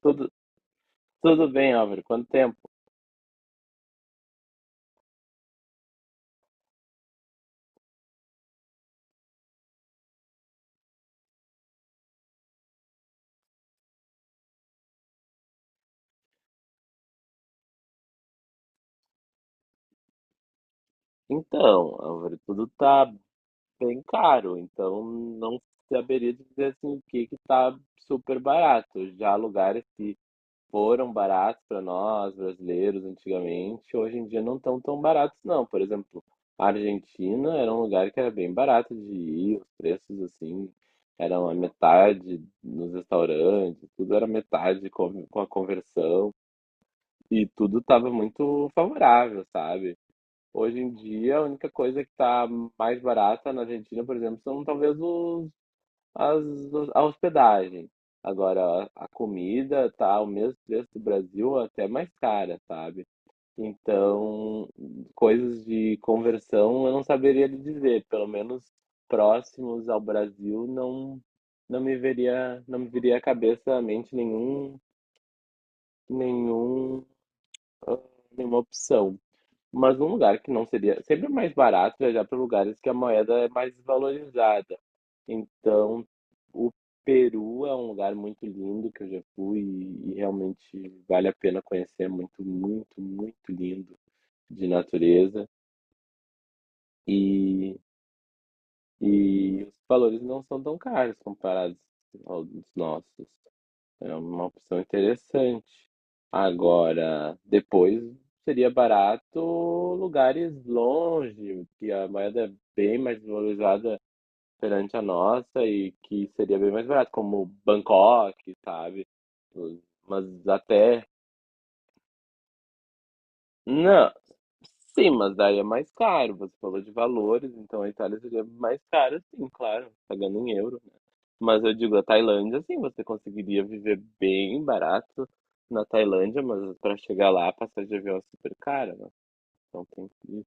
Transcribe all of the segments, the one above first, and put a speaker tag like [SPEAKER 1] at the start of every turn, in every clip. [SPEAKER 1] Tudo, tudo bem, Álvaro? Quanto tempo? Então, Álvaro, tudo tá bem caro, então não saberia dizer assim, o que que tá super barato. Já lugares que foram baratos para nós, brasileiros, antigamente, hoje em dia não estão tão baratos, não. Por exemplo, a Argentina era um lugar que era bem barato de ir, os preços assim eram a metade nos restaurantes, tudo era metade com a conversão. E tudo estava muito favorável, sabe? Hoje em dia, a única coisa que está mais barata na Argentina, por exemplo, são talvez os, as, a hospedagem. Agora, a comida tá o mesmo preço do Brasil, até mais cara, sabe? Então, coisas de conversão eu não saberia lhe dizer, pelo menos próximos ao Brasil não não me veria não me viria à cabeça à mente nenhum nenhum ah, nenhuma opção. Mas num lugar que não seria. Sempre é mais barato viajar para lugares que a moeda é mais valorizada. Então, o Peru é um lugar muito lindo que eu já fui e realmente vale a pena conhecer. É muito, muito, muito lindo de natureza. E, e os valores não são tão caros comparados aos nossos. É uma opção interessante. Agora, depois seria barato lugares longe, que a moeda é bem mais valorizada perante a nossa e que seria bem mais barato, como Bangkok, sabe? Mas até. Não, sim, mas daí é mais caro. Você falou de valores, então a Itália seria mais cara, sim, claro, pagando em euro. Mas eu digo, a Tailândia, sim, você conseguiria viver bem barato na Tailândia, mas para chegar lá, a passagem de avião é super cara, né? Então tem que. Ir.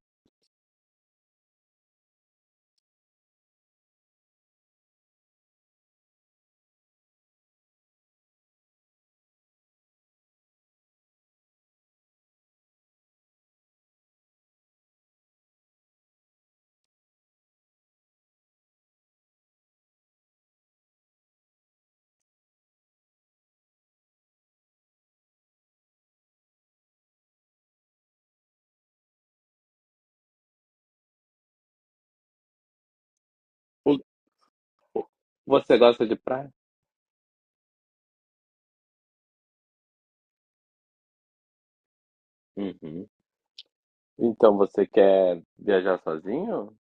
[SPEAKER 1] O- o- Você gosta de praia? Uhum. Então você quer viajar sozinho?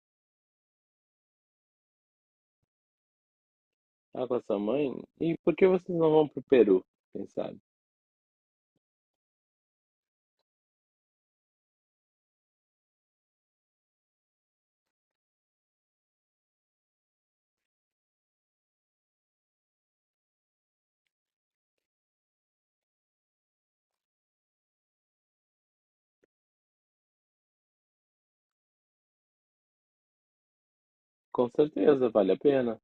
[SPEAKER 1] Ah, com a sua mãe? E por que vocês não vão pro Peru? Quem sabe? Com certeza, vale a pena.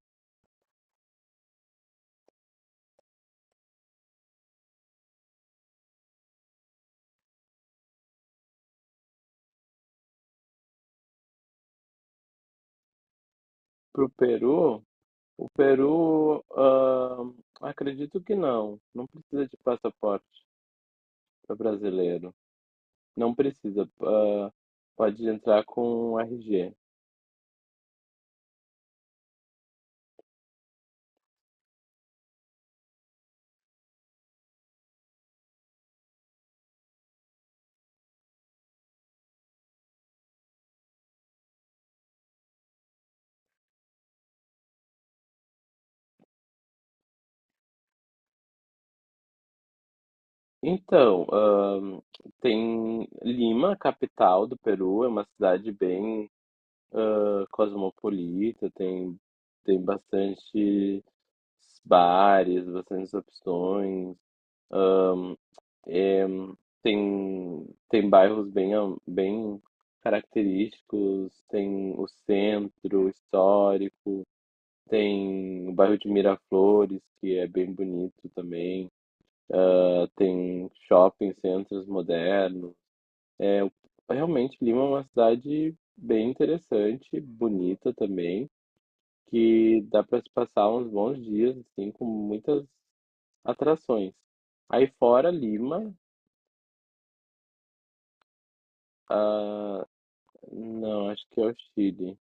[SPEAKER 1] Pro Peru, o Peru, acredito que não. Não precisa de passaporte para brasileiro. Não precisa, pode entrar com RG. Então, tem Lima, capital do Peru, é uma cidade bem, cosmopolita, tem tem bastante bares, bastantes opções, eh, tem tem bairros bem am bem característicos, tem o centro histórico, tem o bairro de Miraflores, que é bem bonito também. Tem shopping centros modernos. É, realmente, Lima é uma cidade bem interessante, bonita também, que dá para se passar uns bons dias, assim, com muitas atrações. Aí fora Lima, ah, não, acho que é o Chile.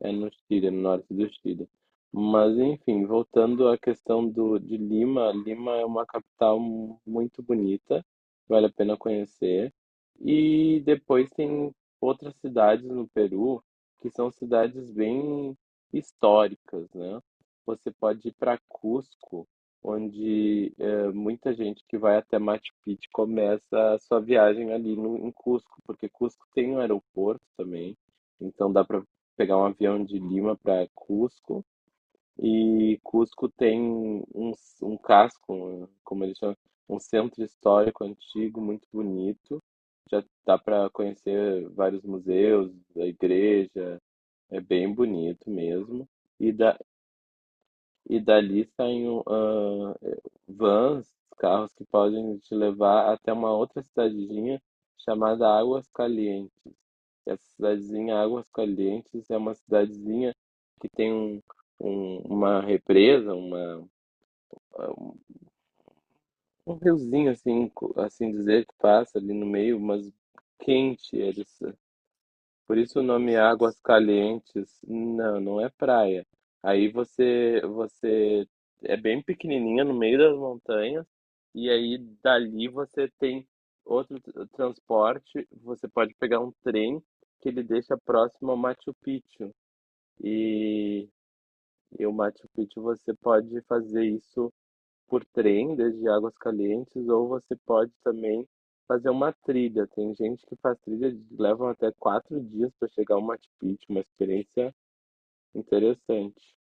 [SPEAKER 1] É no Chile, é no norte do Chile. Mas, enfim, voltando à questão do, de Lima, Lima é uma capital muito bonita, vale a pena conhecer. E depois tem outras cidades no Peru que são cidades bem históricas, né? Você pode ir para Cusco, onde muita gente que vai até Machu Picchu começa a sua viagem ali no, em Cusco, porque Cusco tem um aeroporto também. Então dá para pegar um avião de Lima para Cusco e Cusco tem um, um casco, um, como eles chamam, um centro histórico antigo muito bonito. Já dá para conhecer vários museus, a igreja, é bem bonito mesmo. E, da, e dali saem vans, carros que podem te levar até uma outra cidadinha chamada Águas Calientes. Essa cidadezinha Águas Calientes é uma cidadezinha que tem um, uma represa, uma, um riozinho, assim, assim dizer, que passa ali no meio, mas quente. Eles, por isso o nome Águas Calientes. Não, não é praia. Aí você, você é bem pequenininha no meio das montanhas, e aí dali você tem outro transporte, você pode pegar um trem que ele deixa próximo ao Machu Picchu. E, e o Machu Picchu você pode fazer isso por trem, desde Águas Calientes, ou você pode também fazer uma trilha. Tem gente que faz trilha, levam até quatro dias para chegar ao Machu Picchu, uma experiência interessante.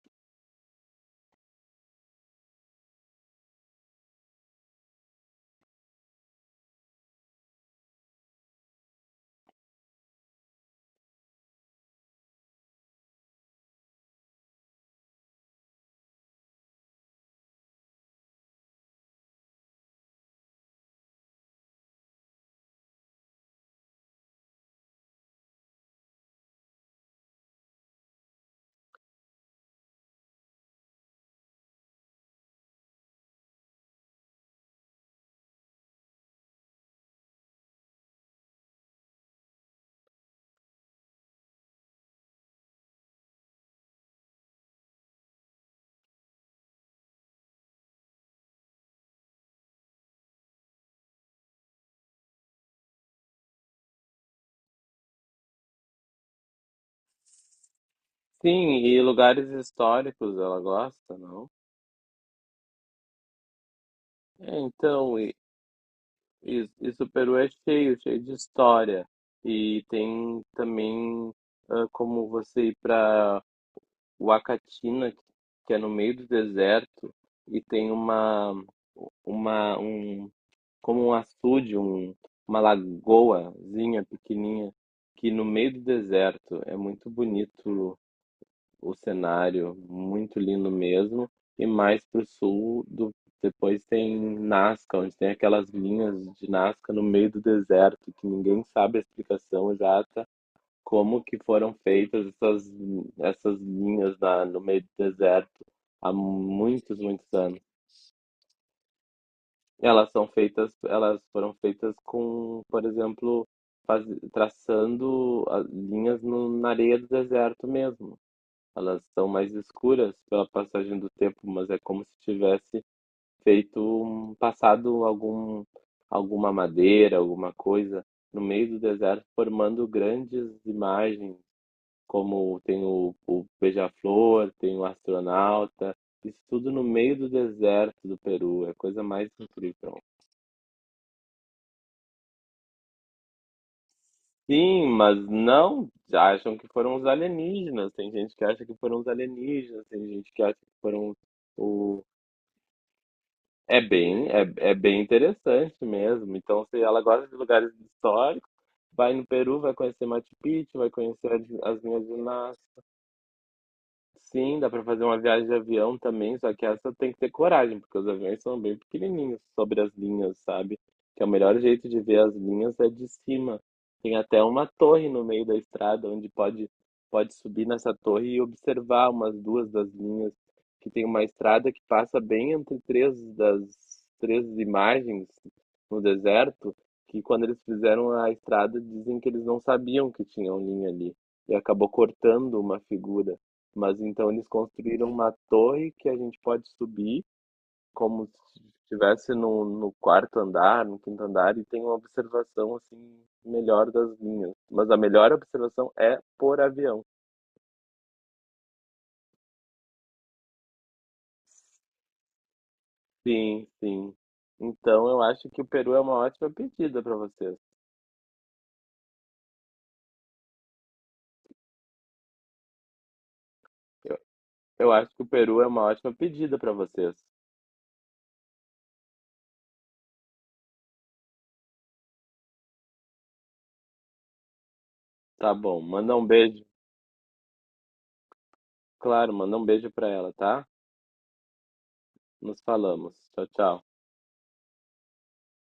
[SPEAKER 1] Sim, e lugares históricos ela gosta, não? É, então, e o Peru é cheio, cheio de história. E tem também como você ir para o Acatina que é no meio do deserto e tem uma um como um açude, um, uma lagoazinha pequenininha que no meio do deserto é muito bonito o cenário, muito lindo mesmo. E mais para o sul, do, depois tem Nazca, onde tem aquelas linhas de Nazca no meio do deserto que ninguém sabe a explicação exata como que foram feitas essas, essas linhas na, no meio do deserto há muitos, muitos anos. Elas são feitas, elas foram feitas com, por exemplo, faz, traçando as linhas no, na areia do deserto mesmo. Elas são mais escuras pela passagem do tempo, mas é como se tivesse feito, passado algum, alguma madeira, alguma coisa no meio do deserto, formando grandes imagens como tem o Beija-Flor, tem o Astronauta, isso tudo no meio do deserto do Peru, é a coisa mais incrível. Sim, mas não já acham que foram os alienígenas, tem gente que acha que foram os alienígenas, tem gente que acha que foram o... É bem, é, é bem interessante mesmo. Então, se ela gosta de lugares históricos, vai no Peru, vai conhecer Machu Picchu, vai conhecer as Minas Gerais. Sim, dá pra fazer uma viagem de avião também, só que essa tem que ter coragem, porque os aviões são bem pequenininhos sobre as linhas, sabe? Que é o melhor jeito de ver as linhas é de cima. Tem até uma torre no meio da estrada onde pode subir nessa torre e observar umas duas das linhas, que tem uma estrada que passa bem entre três das três imagens no deserto, que quando eles fizeram a estrada dizem que eles não sabiam que tinham linha ali e acabou cortando uma figura. Mas então eles construíram uma torre que a gente pode subir como se estivesse no quarto andar, no quinto andar, e tem uma observação assim melhor das linhas. Mas a melhor observação é por avião. Sim, sim. Então eu acho que o Peru é uma ótima pedida para vocês. Eu, eu acho que o Peru é uma ótima pedida para vocês. Tá bom, manda um beijo. Claro, manda um beijo para ela, tá? Nos falamos. Tchau, tchau.